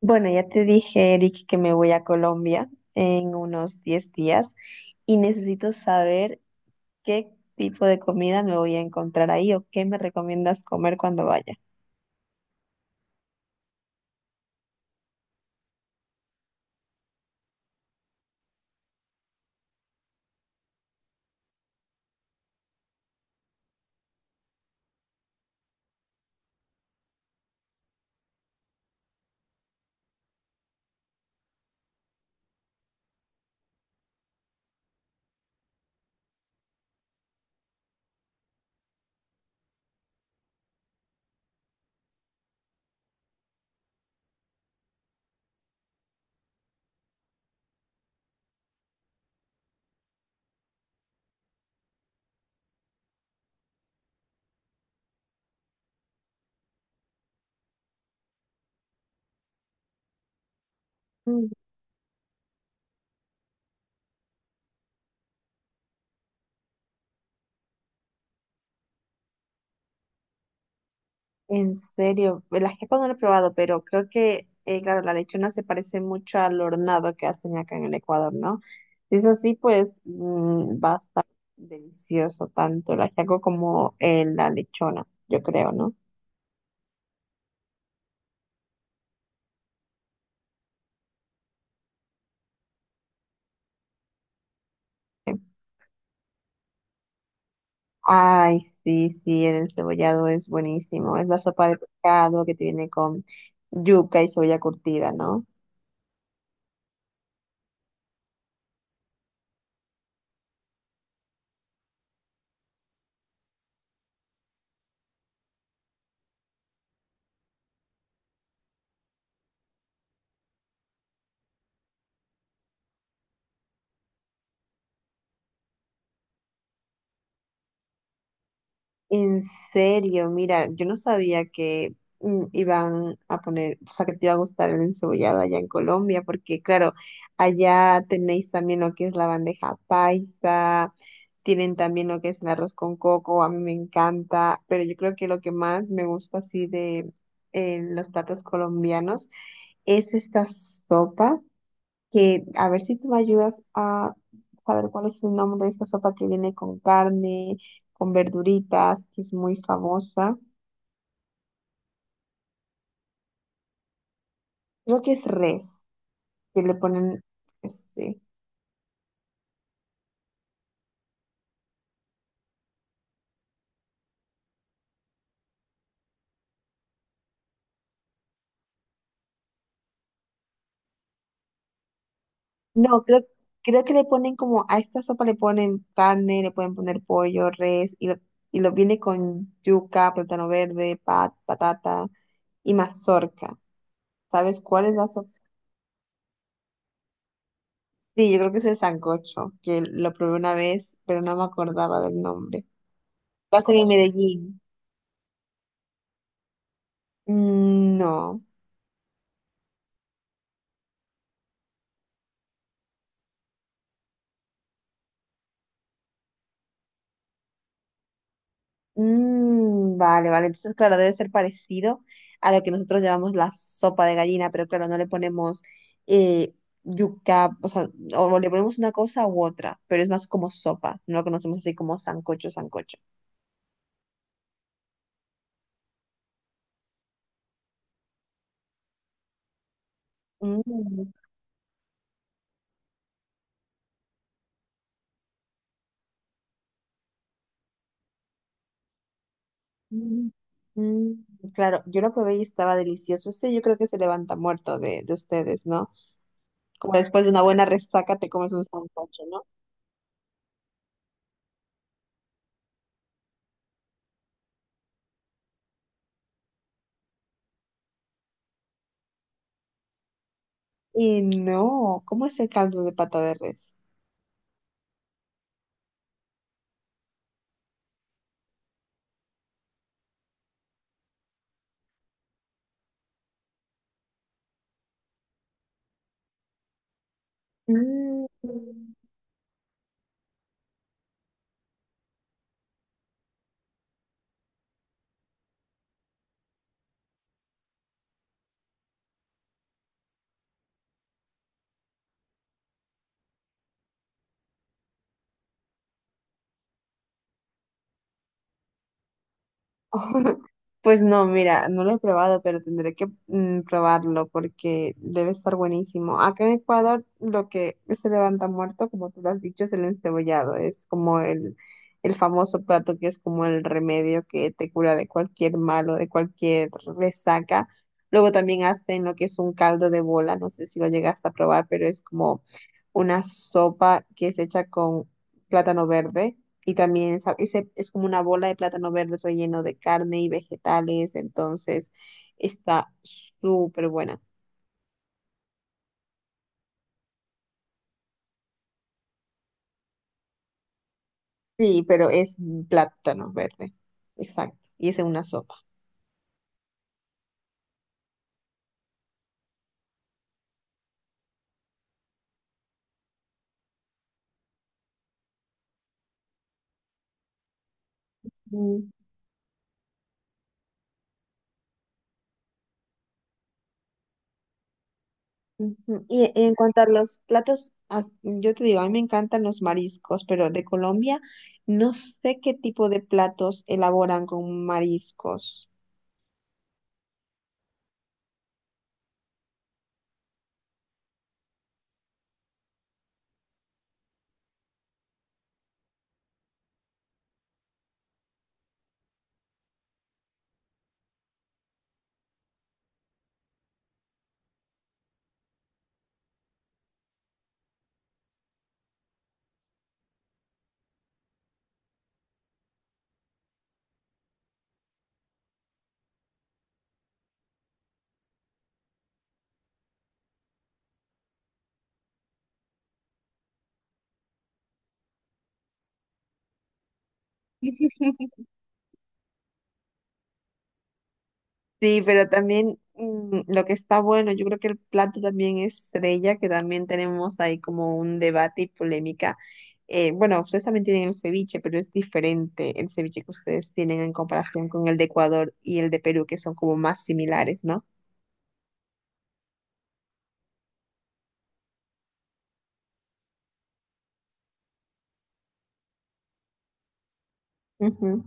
Bueno, ya te dije, Eric, que me voy a Colombia en unos 10 días y necesito saber qué tipo de comida me voy a encontrar ahí o qué me recomiendas comer cuando vaya. Mm, En serio, la jefa no la he probado, pero creo que, claro, la lechona se parece mucho al hornado que hacen acá en el Ecuador, ¿no? Si es así, pues va a estar delicioso tanto el ajiaco como la lechona, yo creo, ¿no? Ay, sí, sí, el encebollado es buenísimo. Es la sopa de pescado que tiene con yuca y soya curtida, ¿no? En serio, mira, yo no sabía que iban a poner, o sea, que te iba a gustar el encebollado allá en Colombia, porque claro, allá tenéis también lo que es la bandeja paisa, tienen también lo que es el arroz con coco, a mí me encanta, pero yo creo que lo que más me gusta así de los platos colombianos es esta sopa, que a ver si tú me ayudas a saber cuál es el nombre de esta sopa que viene con carne, con verduritas, que es muy famosa. Creo que es res, que le ponen, este, no, creo, creo que le ponen como, a esta sopa le ponen carne, le pueden poner pollo, res, y lo viene con yuca, plátano verde, pat, patata y mazorca. ¿Sabes cuál es la sopa? Sí, yo creo que es el sancocho, que lo probé una vez, pero no me acordaba del nombre. Pasan en Medellín. Mm, no. Mm, vale, vale. Entonces, claro, debe ser parecido a lo que nosotros llamamos la sopa de gallina, pero claro, no le ponemos eh, yuca, o sea, o le ponemos una cosa u otra, pero es más como sopa. No lo conocemos así como sancocho, sancocho. Mm, mm, mm. Claro, yo lo probé y estaba delicioso. Ese yo creo que se levanta muerto de ustedes, ¿no? Como después de una buena resaca te comes un sancocho, ¿no? Y no, ¿cómo es el caldo de pata de res? Mm. Pues no, mira, no lo he probado, pero tendré que probarlo porque debe estar buenísimo. Acá en Ecuador lo que se levanta muerto, como tú lo has dicho, es el encebollado. Es como el famoso plato que es como el remedio que te cura de cualquier malo, de cualquier resaca. Luego también hacen lo que es un caldo de bola, no sé si lo llegaste a probar, pero es como una sopa que es hecha con plátano verde. Y también esa- ese es como una bola de plátano verde relleno de carne y vegetales, entonces está súper buena. Sí, pero es plátano verde, exacto, y es en una sopa. Mm, ujú. Y en cuanto a los platos, as- yo te digo, a mí me encantan los mariscos, pero de Colombia no sé qué tipo de platos elaboran con mariscos. Sí, pero también lo que está bueno, yo creo que el plato también estrella, que también tenemos ahí como un debate y polémica. Bueno, ustedes también tienen el ceviche, pero es diferente el ceviche que ustedes tienen en comparación con el de Ecuador y el de Perú, que son como más similares, ¿no? Ujú.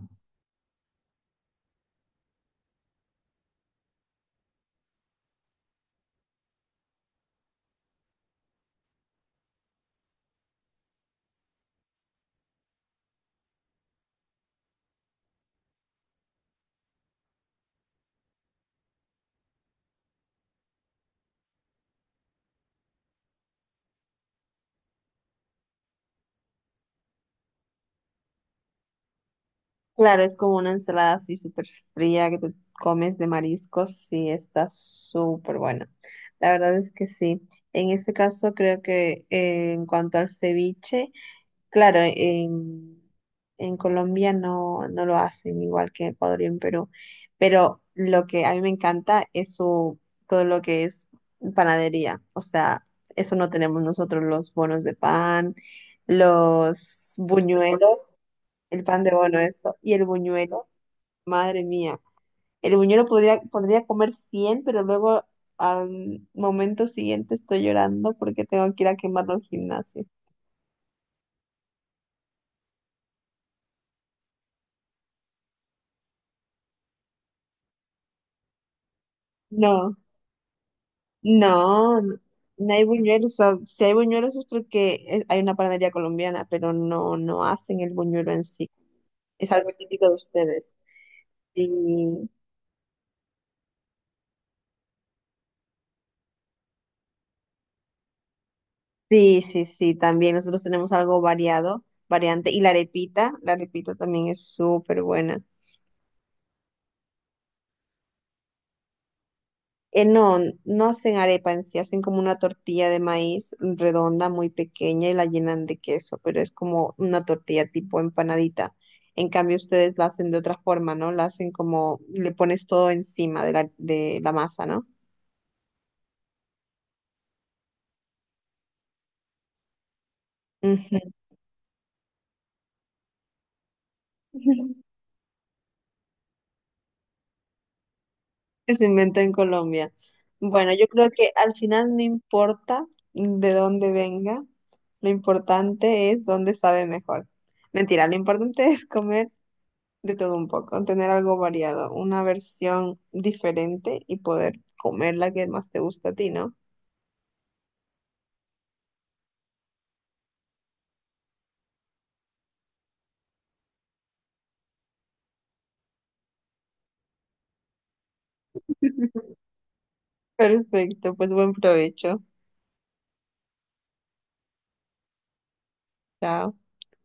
Claro, es como una ensalada así súper fría que te comes de mariscos, sí, está súper buena. La verdad es que sí. En este caso, creo que en cuanto al ceviche, claro, en Colombia no, no lo hacen igual que en Ecuador y en Perú, pero lo que a mí me encanta es su, todo lo que es panadería, o sea, eso no tenemos nosotros, los bonos de pan, los buñuelos, el pan de bono, eso, y el buñuelo, madre mía, el buñuelo podría, podría comer 100, pero luego al momento siguiente estoy llorando porque tengo que ir a quemarlo al gimnasio. No. No, no no hay buñuelos. O- Si hay buñuelos es porque es- hay una panadería colombiana, pero no, no hacen el buñuelo en sí. Es algo típico de ustedes. Sí, sí, sí, sí, también nosotros tenemos algo variado, variante. Y la arepita también es súper buena. No, no hacen arepa en sí, hacen como una tortilla de maíz redonda, muy pequeña y la llenan de queso, pero es como una tortilla tipo empanadita. En cambio, ustedes la hacen de otra forma, ¿no? La hacen como, le pones todo encima de la masa, ¿no? Ujú. Que se inventó en Colombia. Bueno, yo creo que al final no importa de dónde venga, lo importante es dónde sabe mejor. Mentira, lo importante es comer de todo un poco, tener algo variado, una versión diferente y poder comer la que más te gusta a ti, ¿no? Perfecto, pues buen provecho. Chao.